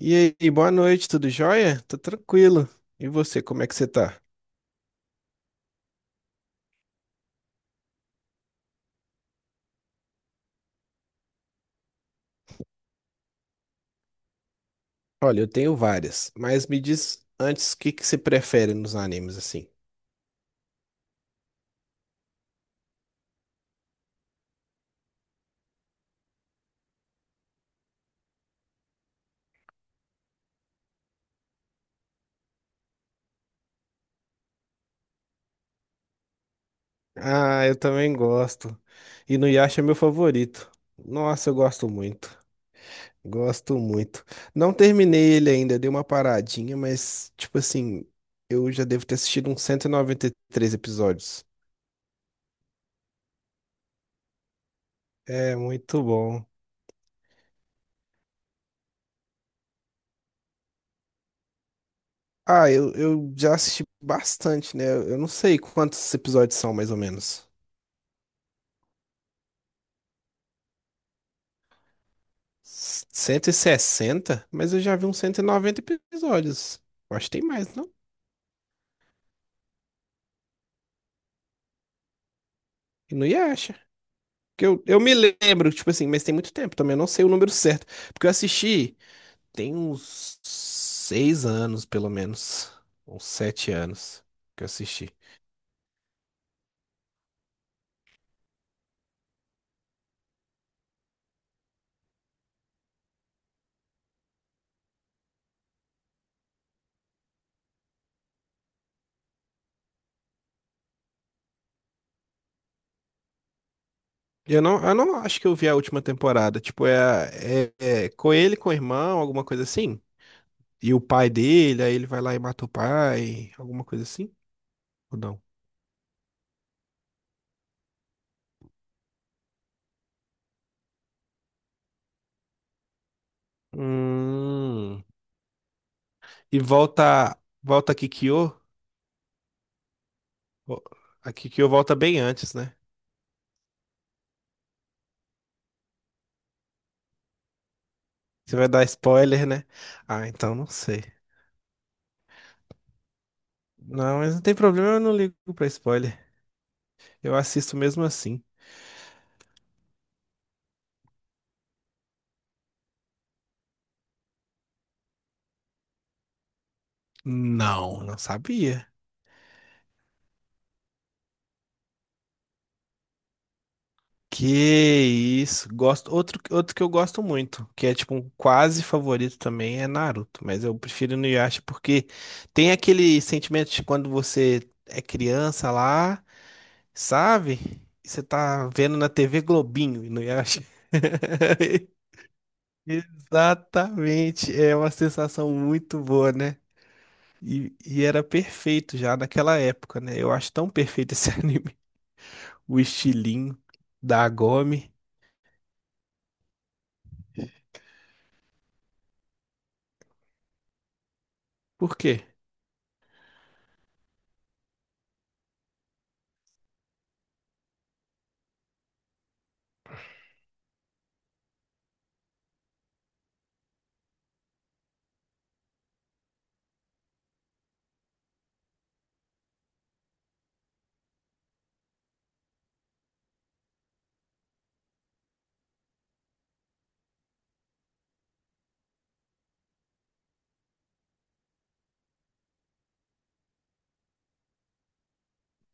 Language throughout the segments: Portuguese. E aí, boa noite, tudo jóia? Tô tranquilo. E você, como é que você tá? Olha, eu tenho várias, mas me diz antes o que que você prefere nos animes assim. Ah, eu também gosto. E no Yasha é meu favorito. Nossa, eu gosto muito. Gosto muito. Não terminei ele ainda, dei uma paradinha, mas tipo assim, eu já devo ter assistido uns 193 episódios. É muito bom. Ah, eu já assisti bastante, né? Eu não sei quantos episódios são mais ou menos. Cento e sessenta, mas eu já vi uns 190 episódios. Eu acho que tem mais, não? E não ia acha. Que eu me lembro, tipo assim, mas tem muito tempo também. Eu não sei o número certo. Porque eu assisti tem uns 6 anos, pelo menos. Uns 7 anos que eu assisti. E eu não acho que eu vi a última temporada. Tipo, é com ele, com o irmão, alguma coisa assim. E o pai dele, aí ele vai lá e mata o pai, alguma coisa assim? Ou não? Hum. E volta, volta a Kikyo. Vo- A Kikyo volta bem antes, né? Você vai dar spoiler, né? Ah, então não sei. Não, mas não tem problema, eu não ligo pra spoiler. Eu assisto mesmo assim. Não, não sabia. Que isso. Gosto, outro que eu gosto muito, que é tipo um quase favorito também, é Naruto. Mas eu prefiro no Inuyasha porque tem aquele sentimento de quando você é criança lá. Sabe? Você tá vendo na TV Globinho, e não acha? Exatamente. É uma sensação muito boa, né? E era perfeito já naquela época, né? Eu acho tão perfeito esse anime. O estilinho da Agome. Por quê?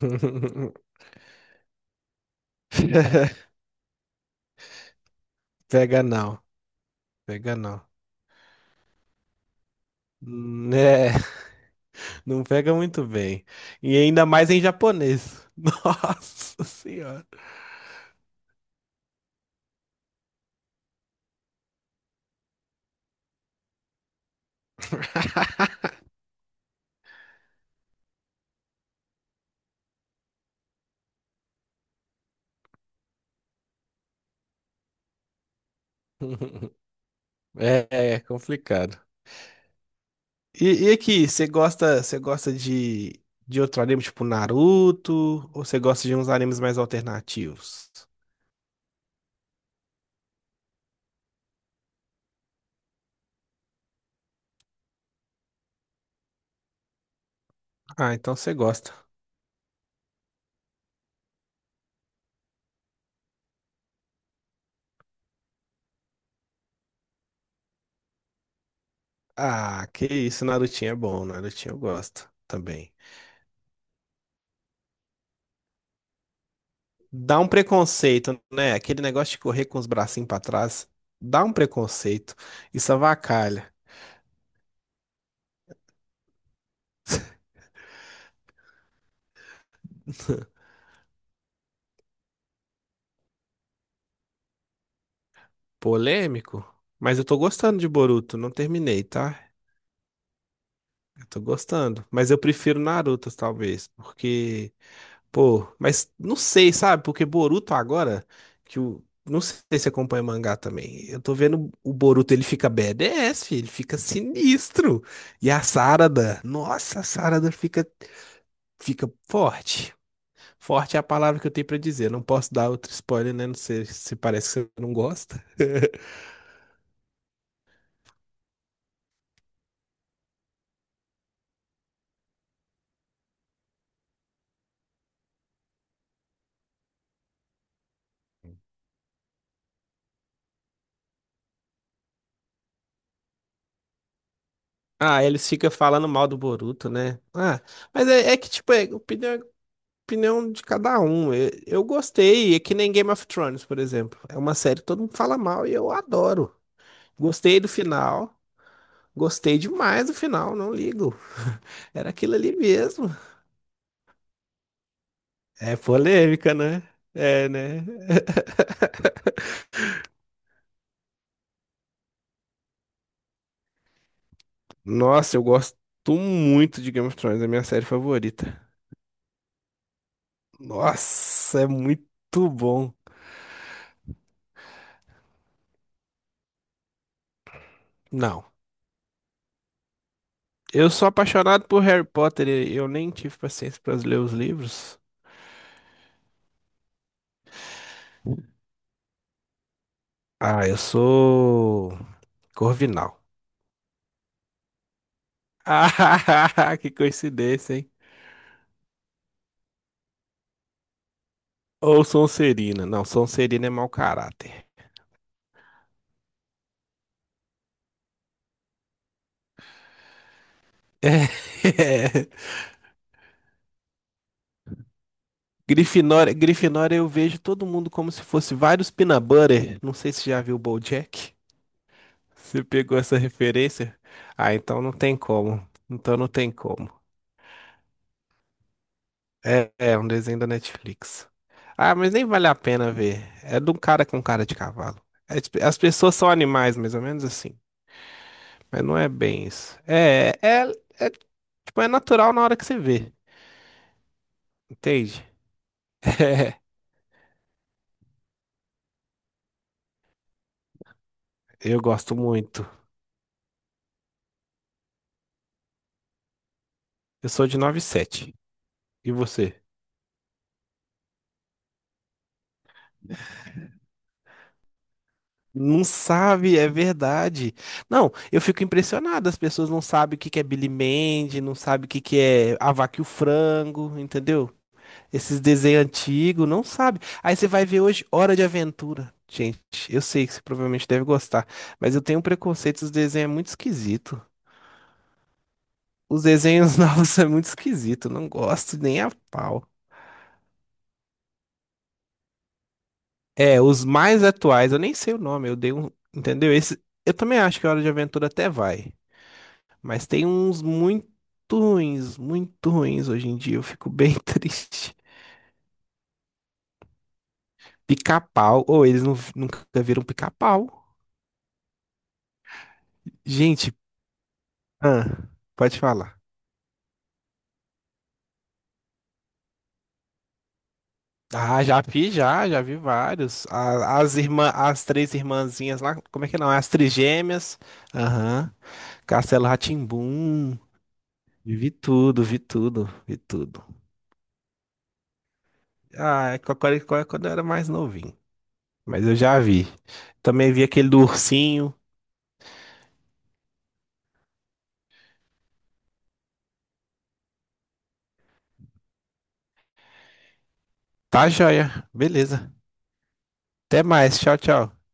Pega não. Pega não. Né? Não pega muito bem. E ainda mais em japonês. Nossa senhora. É, é complicado. E aqui, você gosta de outro anime tipo Naruto? Ou você gosta de uns animes mais alternativos? Ah, então você gosta. Ah, que isso, Narutinho é bom, Narutinho eu gosto também. Dá um preconceito, né? Aquele negócio de correr com os bracinhos pra trás, dá um preconceito. Isso avacalha. Polêmico? Mas eu tô gostando de Boruto, não terminei, tá? Eu tô gostando. Mas eu prefiro Naruto, talvez, porque pô, mas não sei, sabe? Porque Boruto agora, que o. Não sei se você acompanha mangá também. Eu tô vendo o Boruto, ele fica BDS filho, ele fica sinistro. E a Sarada, nossa, a Sarada fica forte. Forte é a palavra que eu tenho pra dizer. Não posso dar outro spoiler, né? Não sei se parece que você não gosta. Ah, eles ficam falando mal do Boruto, né? Ah, mas é que, tipo, opinião é opinião de cada um. Eu gostei, é que nem Game of Thrones, por exemplo. É uma série que todo mundo fala mal e eu adoro. Gostei do final. Gostei demais do final, não ligo. Era aquilo ali mesmo. É polêmica, né? É, né? Nossa, eu gosto muito de Game of Thrones, é a minha série favorita. Nossa, é muito bom. Não. Eu sou apaixonado por Harry Potter e eu nem tive paciência para ler os livros. Ah, eu sou Corvinal. Ah, que coincidência, hein? Ou Sonserina. Não, Sonserina é mau caráter. É. Grifinória, Grifinória eu vejo todo mundo como se fosse vários peanut butter. Não sei se já viu o BoJack. Você pegou essa referência? Ah, então não tem como. Então não tem como. É, é um desenho da Netflix. Ah, mas nem vale a pena ver. É de um cara com cara de cavalo. É tipo, as pessoas são animais, mais ou menos assim. Mas não é bem isso. É, tipo, é natural na hora que você vê, entende? É, eu gosto muito. Eu sou de 97. E você? Não sabe, é verdade. Não, eu fico impressionado. As pessoas não sabem o que que é Billy Mandy, não sabem o que que é A Vaca e o Frango, entendeu? Esses desenhos antigos, não sabe. Aí você vai ver hoje Hora de Aventura. Gente, eu sei que você provavelmente deve gostar, mas eu tenho um preconceito, os desenhos é muito esquisito. Os desenhos novos são muito esquisitos, não gosto nem a pau. É, os mais atuais, eu nem sei o nome, eu dei um. Entendeu? Esse, eu também acho que a Hora de Aventura até vai. Mas tem uns muito ruins hoje em dia, eu fico bem triste. Pica-pau, ou eles não, nunca viram pica-pau. Gente, ah, pode falar. Ah, já vi vários. As três irmãzinhas lá, como é que não? As trigêmeas. Aham. Castelo rá tim. Vi tudo, vi tudo, vi tudo. Ah, é Cocoricó é quando eu era mais novinho. Mas eu já vi. Também vi aquele do ursinho. Tá joia. Beleza. Até mais. Tchau, tchau.